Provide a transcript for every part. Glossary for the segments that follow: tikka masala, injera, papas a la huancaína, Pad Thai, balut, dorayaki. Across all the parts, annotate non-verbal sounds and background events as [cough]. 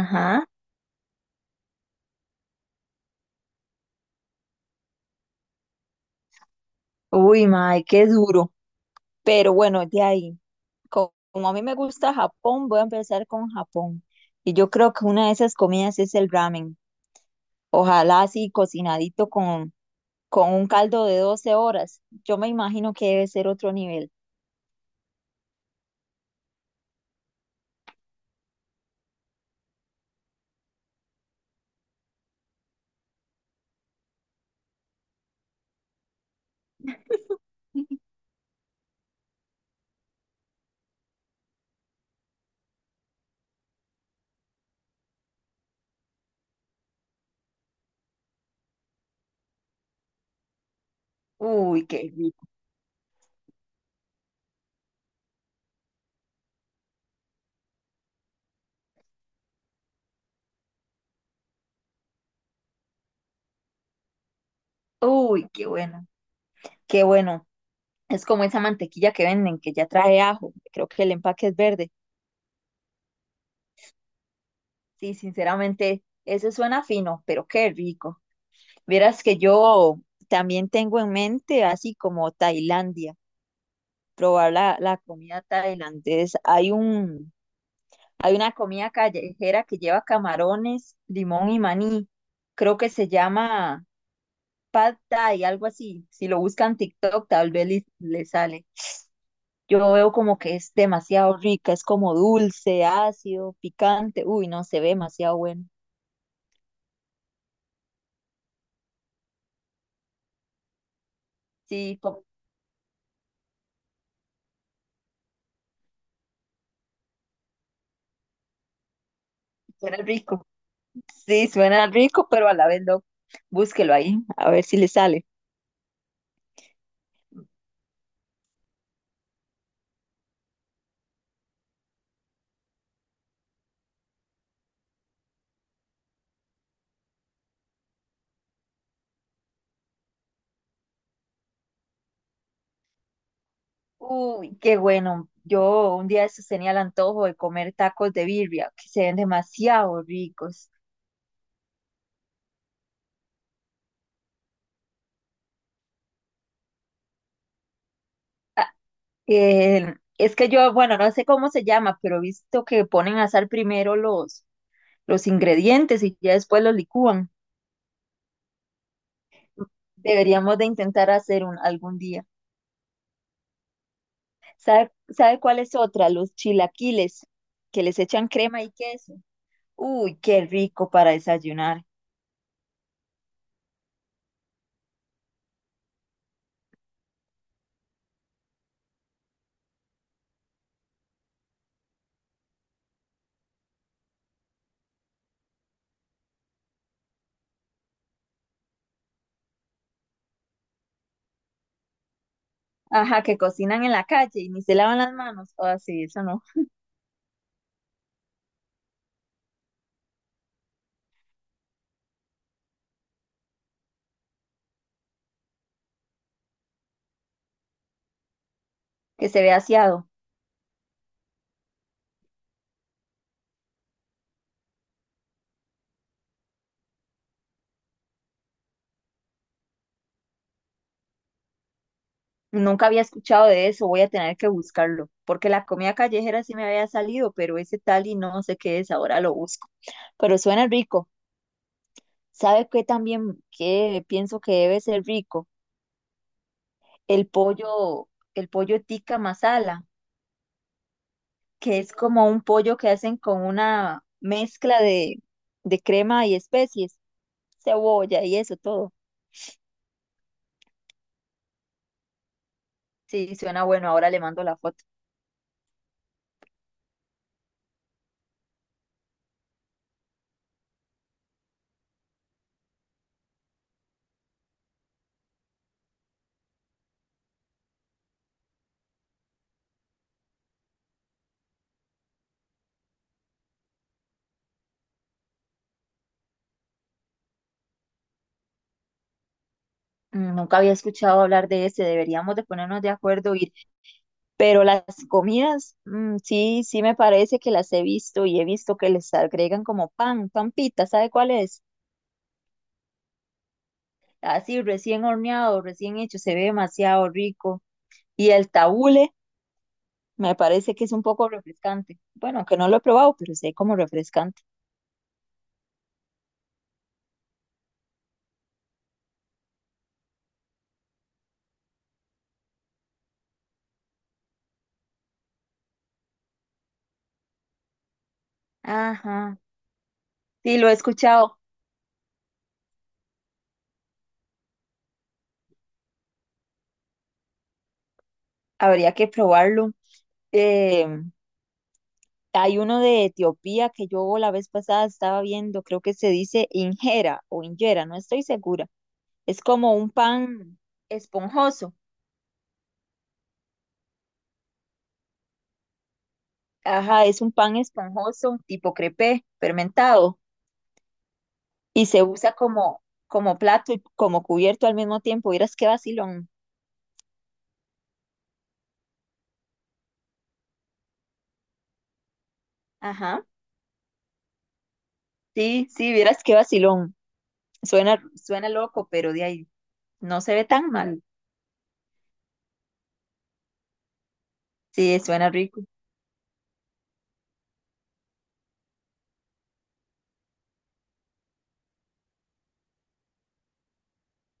Ajá. Uy, mae, qué duro. Pero bueno, de ahí, como a mí me gusta Japón, voy a empezar con Japón. Y yo creo que una de esas comidas es el ramen. Ojalá así cocinadito con un caldo de 12 horas. Yo me imagino que debe ser otro nivel. Uy, qué rico. Uy, qué bueno. Qué bueno. Es como esa mantequilla que venden, que ya trae ajo. Creo que el empaque es verde. Sí, sinceramente, eso suena fino, pero qué rico. Vieras que yo también tengo en mente, así como Tailandia, probar la comida tailandesa. Hay una comida callejera que lleva camarones, limón y maní. Creo que se llama Pad Thai, algo así. Si lo buscan en TikTok, tal vez le sale. Yo veo como que es demasiado rica, es como dulce, ácido, picante. Uy, no, se ve demasiado bueno. Sí, como que fuera rico. Sí, suena rico, pero a la vez no. Búsquelo ahí, a ver si le sale. Uy, qué bueno. Yo un día de estos tenía el antojo de comer tacos de birria, que se ven demasiado ricos. Ah, es que yo, bueno, no sé cómo se llama, pero he visto que ponen a asar primero los ingredientes y ya después los licúan. Deberíamos de intentar hacer un algún día. ¿Sabe, sabe cuál es otra? Los chilaquiles, que les echan crema y queso. Uy, qué rico para desayunar. Ajá, que cocinan en la calle y ni se lavan las manos. O sí, eso no. Que se ve aseado. Nunca había escuchado de eso, voy a tener que buscarlo. Porque la comida callejera sí me había salido, pero ese tal y no sé qué es, ahora lo busco. Pero suena rico. ¿Sabe qué también que pienso que debe ser rico? El pollo, el pollo tikka masala, que es como un pollo que hacen con una mezcla de crema y especies, cebolla y eso todo. Sí, suena bueno, ahora le mando la foto. Mm, nunca había escuchado hablar de ese, deberíamos de ponernos de acuerdo ir, pero las comidas, mm, sí, sí me parece que las he visto y he visto que les agregan como pan, pampita, ¿sabe cuál es? Así recién horneado, recién hecho, se ve demasiado rico. Y el tabule me parece que es un poco refrescante. Bueno, que no lo he probado, pero sé como refrescante. Ajá, sí, lo he escuchado, habría que probarlo. Em, Hay uno de Etiopía que yo la vez pasada estaba viendo, creo que se dice injera o injera, no estoy segura. Es como un pan esponjoso. Ajá, es un pan esponjoso tipo crepé, fermentado, y se usa como plato y como cubierto al mismo tiempo. Vieras qué vacilón. Ajá, sí, sí, vieras qué vacilón. Suena, suena loco, pero de ahí no se ve tan mal. Sí, suena rico.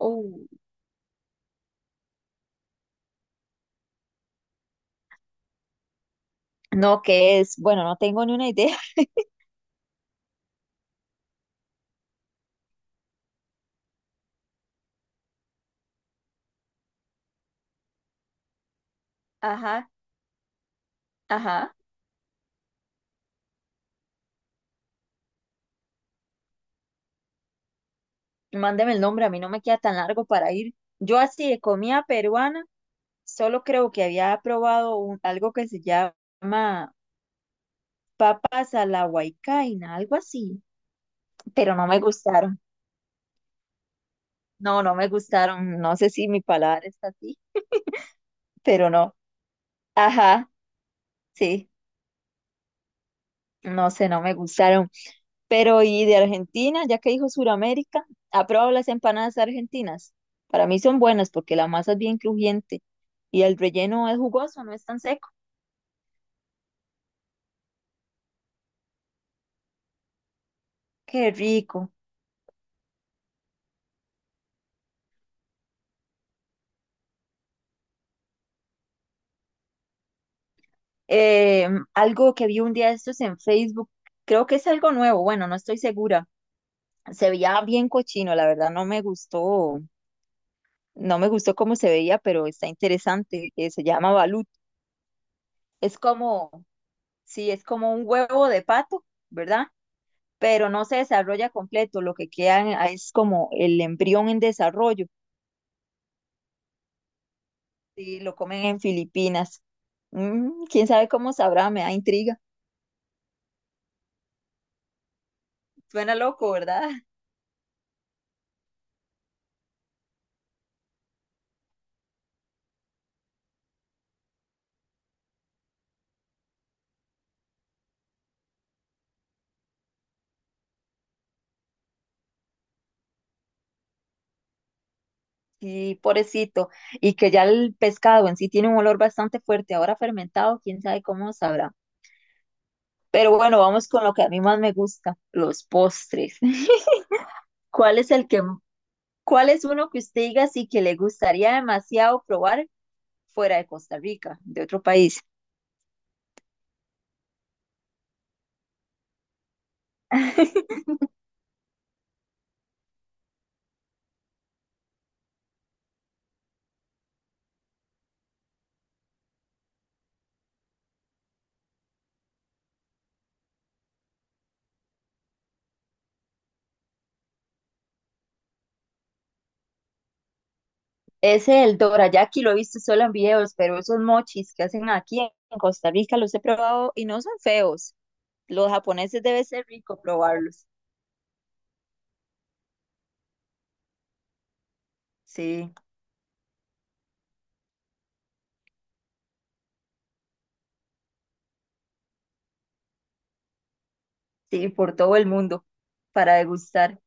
Uh, no, ¿qué es? Bueno, no tengo ni una idea. [laughs] Ajá, ajá. Mándeme el nombre, a mí no me queda tan largo para ir. Yo así de comida peruana, solo creo que había probado algo que se llama papas a la huaycaina, algo así, pero no me gustaron. No, no me gustaron. No sé si mi paladar está así, pero no. Ajá, sí, no sé, no me gustaron. Pero y de Argentina, ya que dijo Suramérica, ¿ha probado las empanadas argentinas? Para mí son buenas porque la masa es bien crujiente y el relleno es jugoso, no es tan seco. Qué rico. Eh, algo que vi un día de estos en Facebook, creo que es algo nuevo, bueno, no estoy segura. Se veía bien cochino, la verdad no me gustó, no me gustó cómo se veía, pero está interesante. Se llama balut. Es como, sí, es como un huevo de pato, ¿verdad? Pero no se desarrolla completo, lo que queda ah, es como el embrión en desarrollo. Sí, lo comen en Filipinas. Mm, quién sabe cómo sabrá, me da intriga. Suena loco, ¿verdad? Sí, pobrecito. Y que ya el pescado en sí tiene un olor bastante fuerte, ahora fermentado, quién sabe cómo sabrá. Pero bueno, vamos con lo que a mí más me gusta, los postres. [laughs] ¿Cuál es el que, cuál es uno que usted diga sí que le gustaría demasiado probar fuera de Costa Rica, de otro país? [laughs] Ese el dorayaki lo he visto solo en videos, pero esos mochis que hacen aquí en Costa Rica los he probado y no son feos. Los japoneses debe ser rico probarlos. Sí, sí, por todo el mundo para degustar.